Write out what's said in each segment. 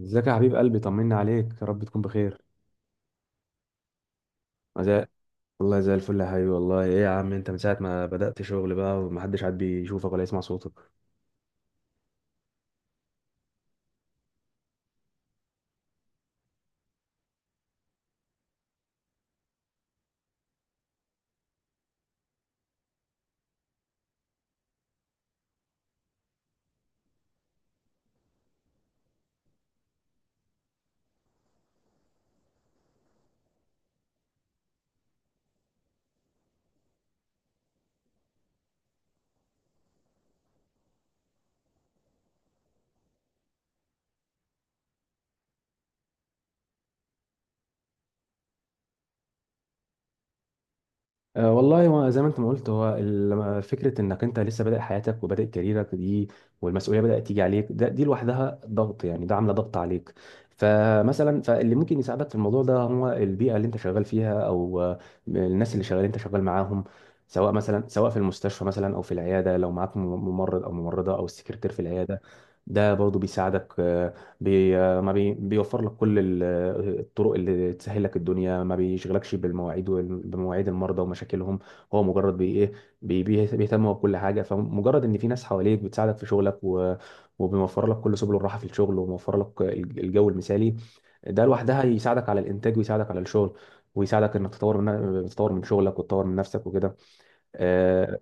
ازيك يا حبيب قلبي؟ طمني عليك. يا رب تكون بخير. زي... والله زي الفل يا حبيبي، والله. ايه يا عم، انت من ساعة ما بدأت شغل بقى، ومحدش عاد بيشوفك ولا يسمع صوتك. أه، والله، هو زي ما انت ما قلت، هو لما فكره انك انت لسه بادئ حياتك وبادئ كاريرك دي، والمسؤوليه بدات تيجي عليك، دي لوحدها ضغط، يعني ده عامله ضغط عليك. فمثلا، فاللي ممكن يساعدك في الموضوع ده هو البيئه اللي انت شغال فيها، او الناس اللي شغال انت شغال معاهم، سواء، مثلا، في المستشفى، مثلا، او في العياده، لو معاك ممرض او ممرضه او السكرتير في العياده، ده برضه بيساعدك. بي ما بي بيوفر لك كل الطرق اللي تسهل لك الدنيا، ما بيشغلكش بالمواعيد بمواعيد المرضى ومشاكلهم. هو مجرد بي ايه، بيهتم بكل حاجه. فمجرد ان في ناس حواليك بتساعدك في شغلك، وبيوفر لك كل سبل الراحه في الشغل، وموفر لك الجو المثالي، ده لوحدها يساعدك على الانتاج، ويساعدك على الشغل، ويساعدك انك تطور من شغلك، وتطور من نفسك وكده. آه،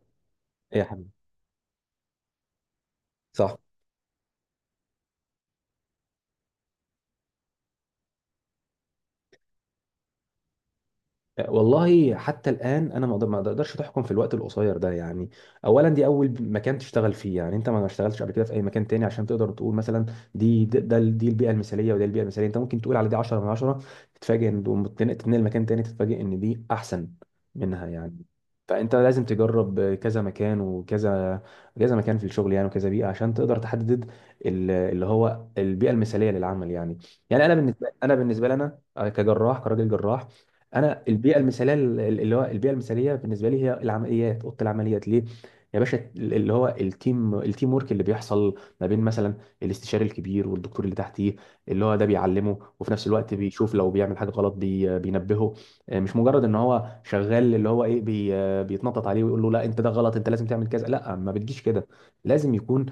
ايه يا حبيبي. صح. والله، حتى الآن أنا ما أقدرش تحكم في الوقت القصير ده. يعني أولا دي أول مكان تشتغل فيه، يعني أنت ما اشتغلتش قبل كده في أي مكان تاني عشان تقدر تقول مثلا دي البيئة المثالية، وده البيئة المثالية. أنت ممكن تقول على دي 10 من 10، تتفاجئ إن تتنقل مكان تاني، تتفاجئ إن دي أحسن منها، يعني. فأنت لازم تجرب كذا مكان، كذا مكان في الشغل، يعني، وكذا بيئة عشان تقدر تحدد اللي هو البيئة المثالية للعمل، يعني. يعني أنا بالنسبة لنا كراجل جراح. انا البيئه المثاليه، اللي هو البيئه المثاليه بالنسبه لي هي اوضه العمليات، ليه يا باشا؟ اللي هو التيم ورك اللي بيحصل ما بين، مثلا، الاستشاري الكبير والدكتور اللي تحتيه، اللي هو ده بيعلمه، وفي نفس الوقت بيشوف لو بيعمل حاجه غلط بينبهه. آه، مش مجرد ان هو شغال، اللي هو ايه، بيتنطط عليه ويقول له لا، انت ده غلط، انت لازم تعمل كذا. لا، ما بتجيش كده، لازم يكون.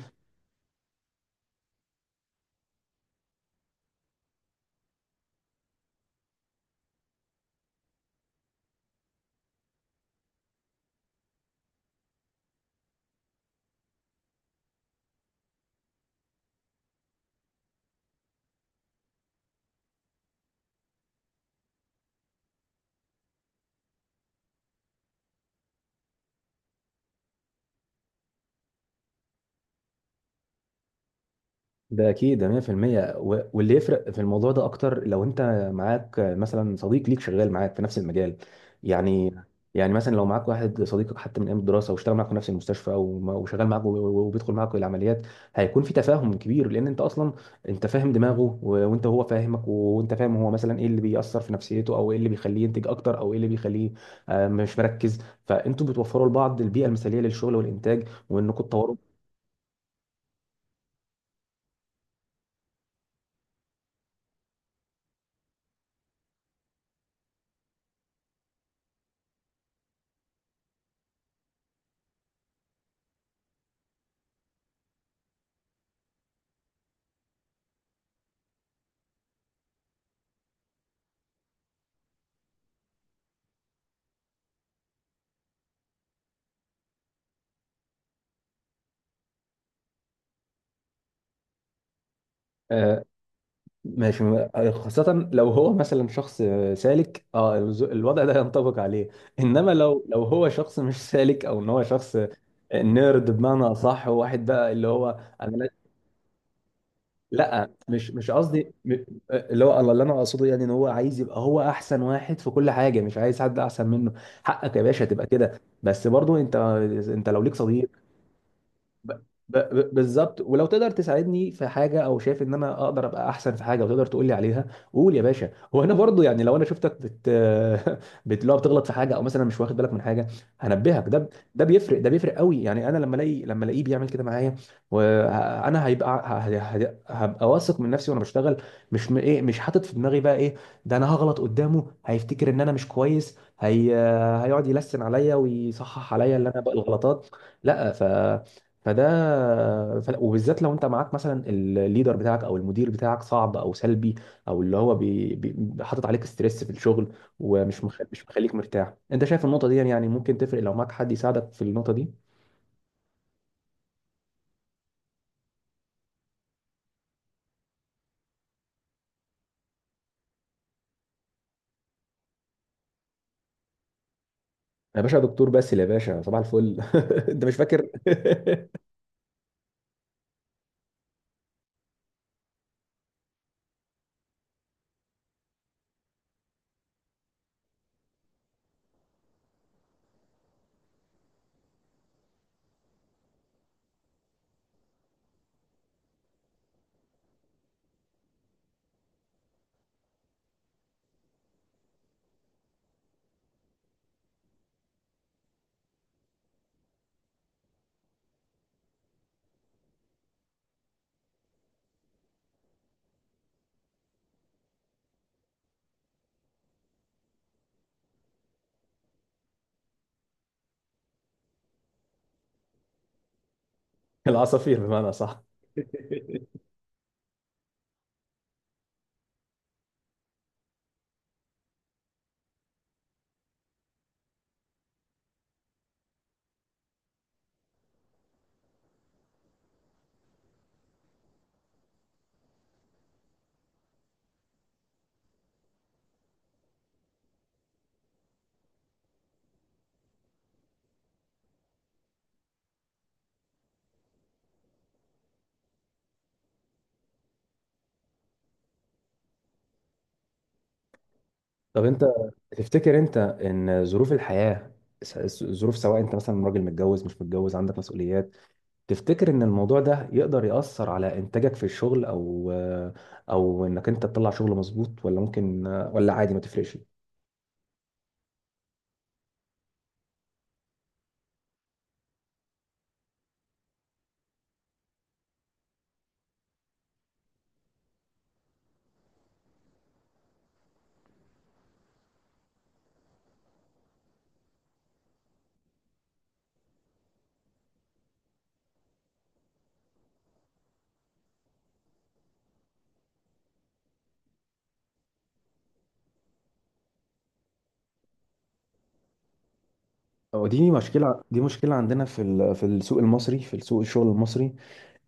ده اكيد، ده 100%. واللي يفرق في الموضوع ده اكتر لو انت معاك، مثلا، صديق ليك شغال معاك في نفس المجال، يعني. يعني مثلا لو معاك واحد صديقك حتى من ايام الدراسه، واشتغل معاك في نفس المستشفى، وشغال معاك، وبيدخل معاك العمليات، هيكون في تفاهم كبير، لان انت اصلا انت فاهم دماغه، وانت هو فاهمك، وانت فاهم هو، مثلا، ايه اللي بيأثر في نفسيته، او ايه اللي بيخليه ينتج اكتر، او ايه اللي بيخليه مش مركز. فانتوا بتوفروا لبعض البيئه المثاليه للشغل والانتاج، وانكم تطوروا. آه، ماشي. خاصة لو هو، مثلا، شخص سالك. اه، الوضع ده ينطبق عليه. انما لو هو شخص مش سالك، او ان هو شخص نيرد، بمعنى اصح، وواحد بقى اللي هو... انا، لا. لا، مش قصدي اللي هو، اللي انا اقصده، يعني، ان هو عايز يبقى هو احسن واحد في كل حاجة، مش عايز حد احسن منه. حقك يا باشا تبقى كده، بس برضو انت، لو ليك صديق ب... بالظبط، ولو تقدر تساعدني في حاجه، او شايف ان انا اقدر ابقى احسن في حاجه وتقدر تقول لي عليها، قول يا باشا. وانا برضو، يعني، لو انا شفتك بت بت لو بتغلط في حاجه، او مثلا مش واخد بالك من حاجه، هنبهك. ده ده بيفرق قوي، يعني انا لما الاقيه بيعمل كده معايا، وانا هبقى واثق من نفسي وانا بشتغل. مش م... ايه مش حاطط في دماغي بقى ايه، ده انا هغلط قدامه هيفتكر ان انا مش كويس. هيقعد يلسن عليا ويصحح عليا اللي انا بقى الغلطات. لا. فده وبالذات لو انت معاك، مثلا، الليدر بتاعك او المدير بتاعك صعب او سلبي، او اللي هو حاطط عليك ستريس في الشغل، ومش مخ... مش مخليك مرتاح. انت شايف النقطه دي، يعني ممكن تفرق لو معاك حد يساعدك في النقطه دي. يا باشا دكتور باسل، يا باشا صباح الفل. انت مش فاكر؟ العصافير، بمعنى، صح. طب انت، تفتكر انت ان ظروف الحياه، ظروف، سواء انت، مثلا، راجل متجوز مش متجوز، عندك مسؤوليات، تفتكر ان الموضوع ده يقدر يأثر على انتاجك في الشغل، او انك انت تطلع شغل مظبوط، ولا ممكن، ولا عادي ما تفرقش؟ ودي مشكلة، دي مشكلة عندنا في في السوق المصري، في السوق الشغل المصري.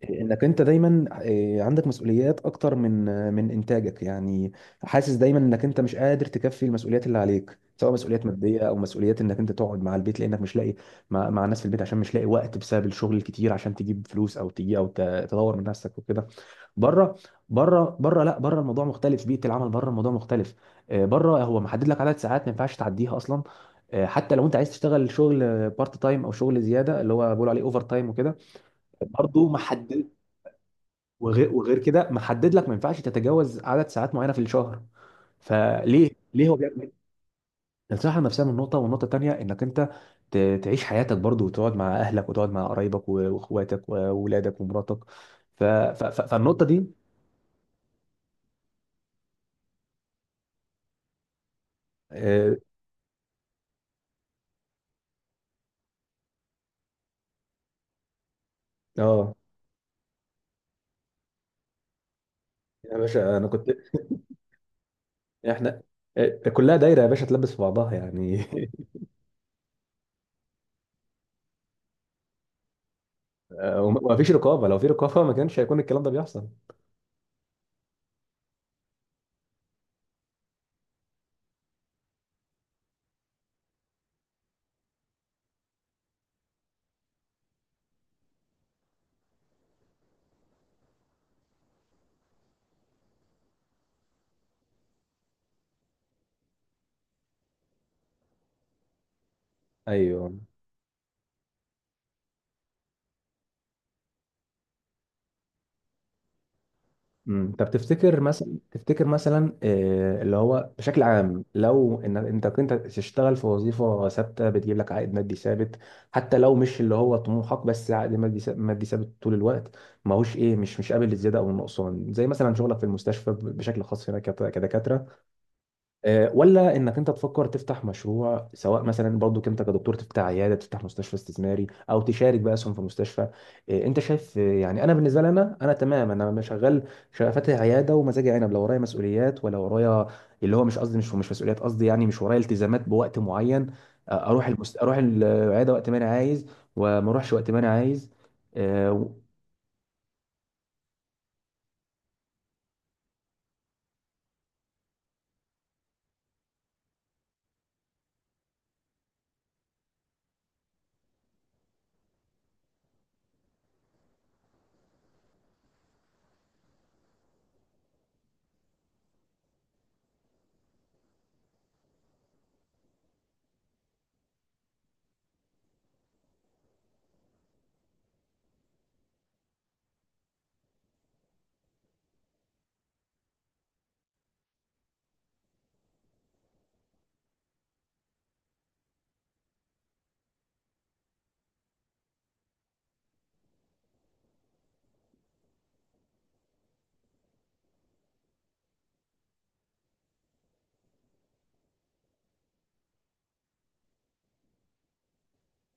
انك انت دايما، آه، عندك مسؤوليات اكتر من انتاجك، يعني. حاسس دايما انك انت مش قادر تكفي المسؤوليات اللي عليك، سواء مسؤوليات ماديه، او مسؤوليات انك انت تقعد مع البيت، لانك مش لاقي مع الناس في البيت، عشان مش لاقي وقت بسبب الشغل الكتير، عشان تجيب فلوس، او تجي تدور من نفسك وكده. بره. بره بره، لا، بره الموضوع مختلف، بيئه العمل بره الموضوع مختلف. آه، بره هو محدد لك عدد ساعات ما ينفعش تعديها اصلا. آه، حتى لو انت عايز تشتغل شغل بارت تايم، او شغل زياده اللي هو بيقولوا عليه اوفر تايم وكده، برضه محدد. وغير كده محدد لك، ما ينفعش تتجاوز عدد ساعات معينه في الشهر. ليه هو بيعمل كده؟ الصحه النفسيه من نقطه، والنقطه الثانيه انك انت تعيش حياتك برضو، وتقعد مع اهلك، وتقعد مع قرايبك، واخواتك واولادك ومراتك. فالنقطه دي. اه. آه، يا باشا، انا كنت... احنا، آه، كلها دايره يا باشا، تلبس في بعضها، يعني. آه، وما فيش رقابه، لو في رقابه ما كانش هيكون الكلام ده بيحصل. ايوه. طب تفتكر مثلا آه، اللي هو بشكل عام، لو ان انت كنت تشتغل في وظيفه ثابته بتجيب لك عائد مادي ثابت، حتى لو مش اللي هو طموحك، بس عائد مادي مادي ثابت طول الوقت، ماهوش، ايه، مش قابل للزياده او النقصان، زي مثلا شغلك في المستشفى، بشكل خاص هنا كدكاتره. آه، ولا انك انت تفكر تفتح مشروع، سواء مثلا برضو انت كدكتور، تفتح عياده، تفتح مستشفى استثماري، او تشارك بقى اسهم في مستشفى. آه، انت شايف؟ آه، يعني انا بالنسبه لي، انا تمام، انا مش شغال. شغال فاتح عياده ومزاجي عنب، لو ورايا مسؤوليات، ولا ورايا، اللي هو مش قصدي، مش مسؤوليات، قصدي يعني مش ورايا التزامات بوقت معين. آه، اروح العياده وقت ما انا عايز، وما اروحش وقت ما انا عايز. آه،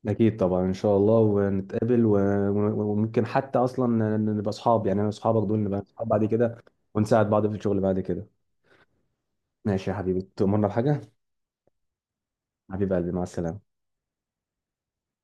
أكيد طبعا إن شاء الله، ونتقابل، وممكن حتى أصلا نبقى أصحاب، يعني أنا وأصحابك دول نبقى أصحاب بعد كده، ونساعد بعض في الشغل بعد كده. ماشي يا حبيبي، تؤمرنا بحاجة؟ حبيب قلبي، مع السلامة.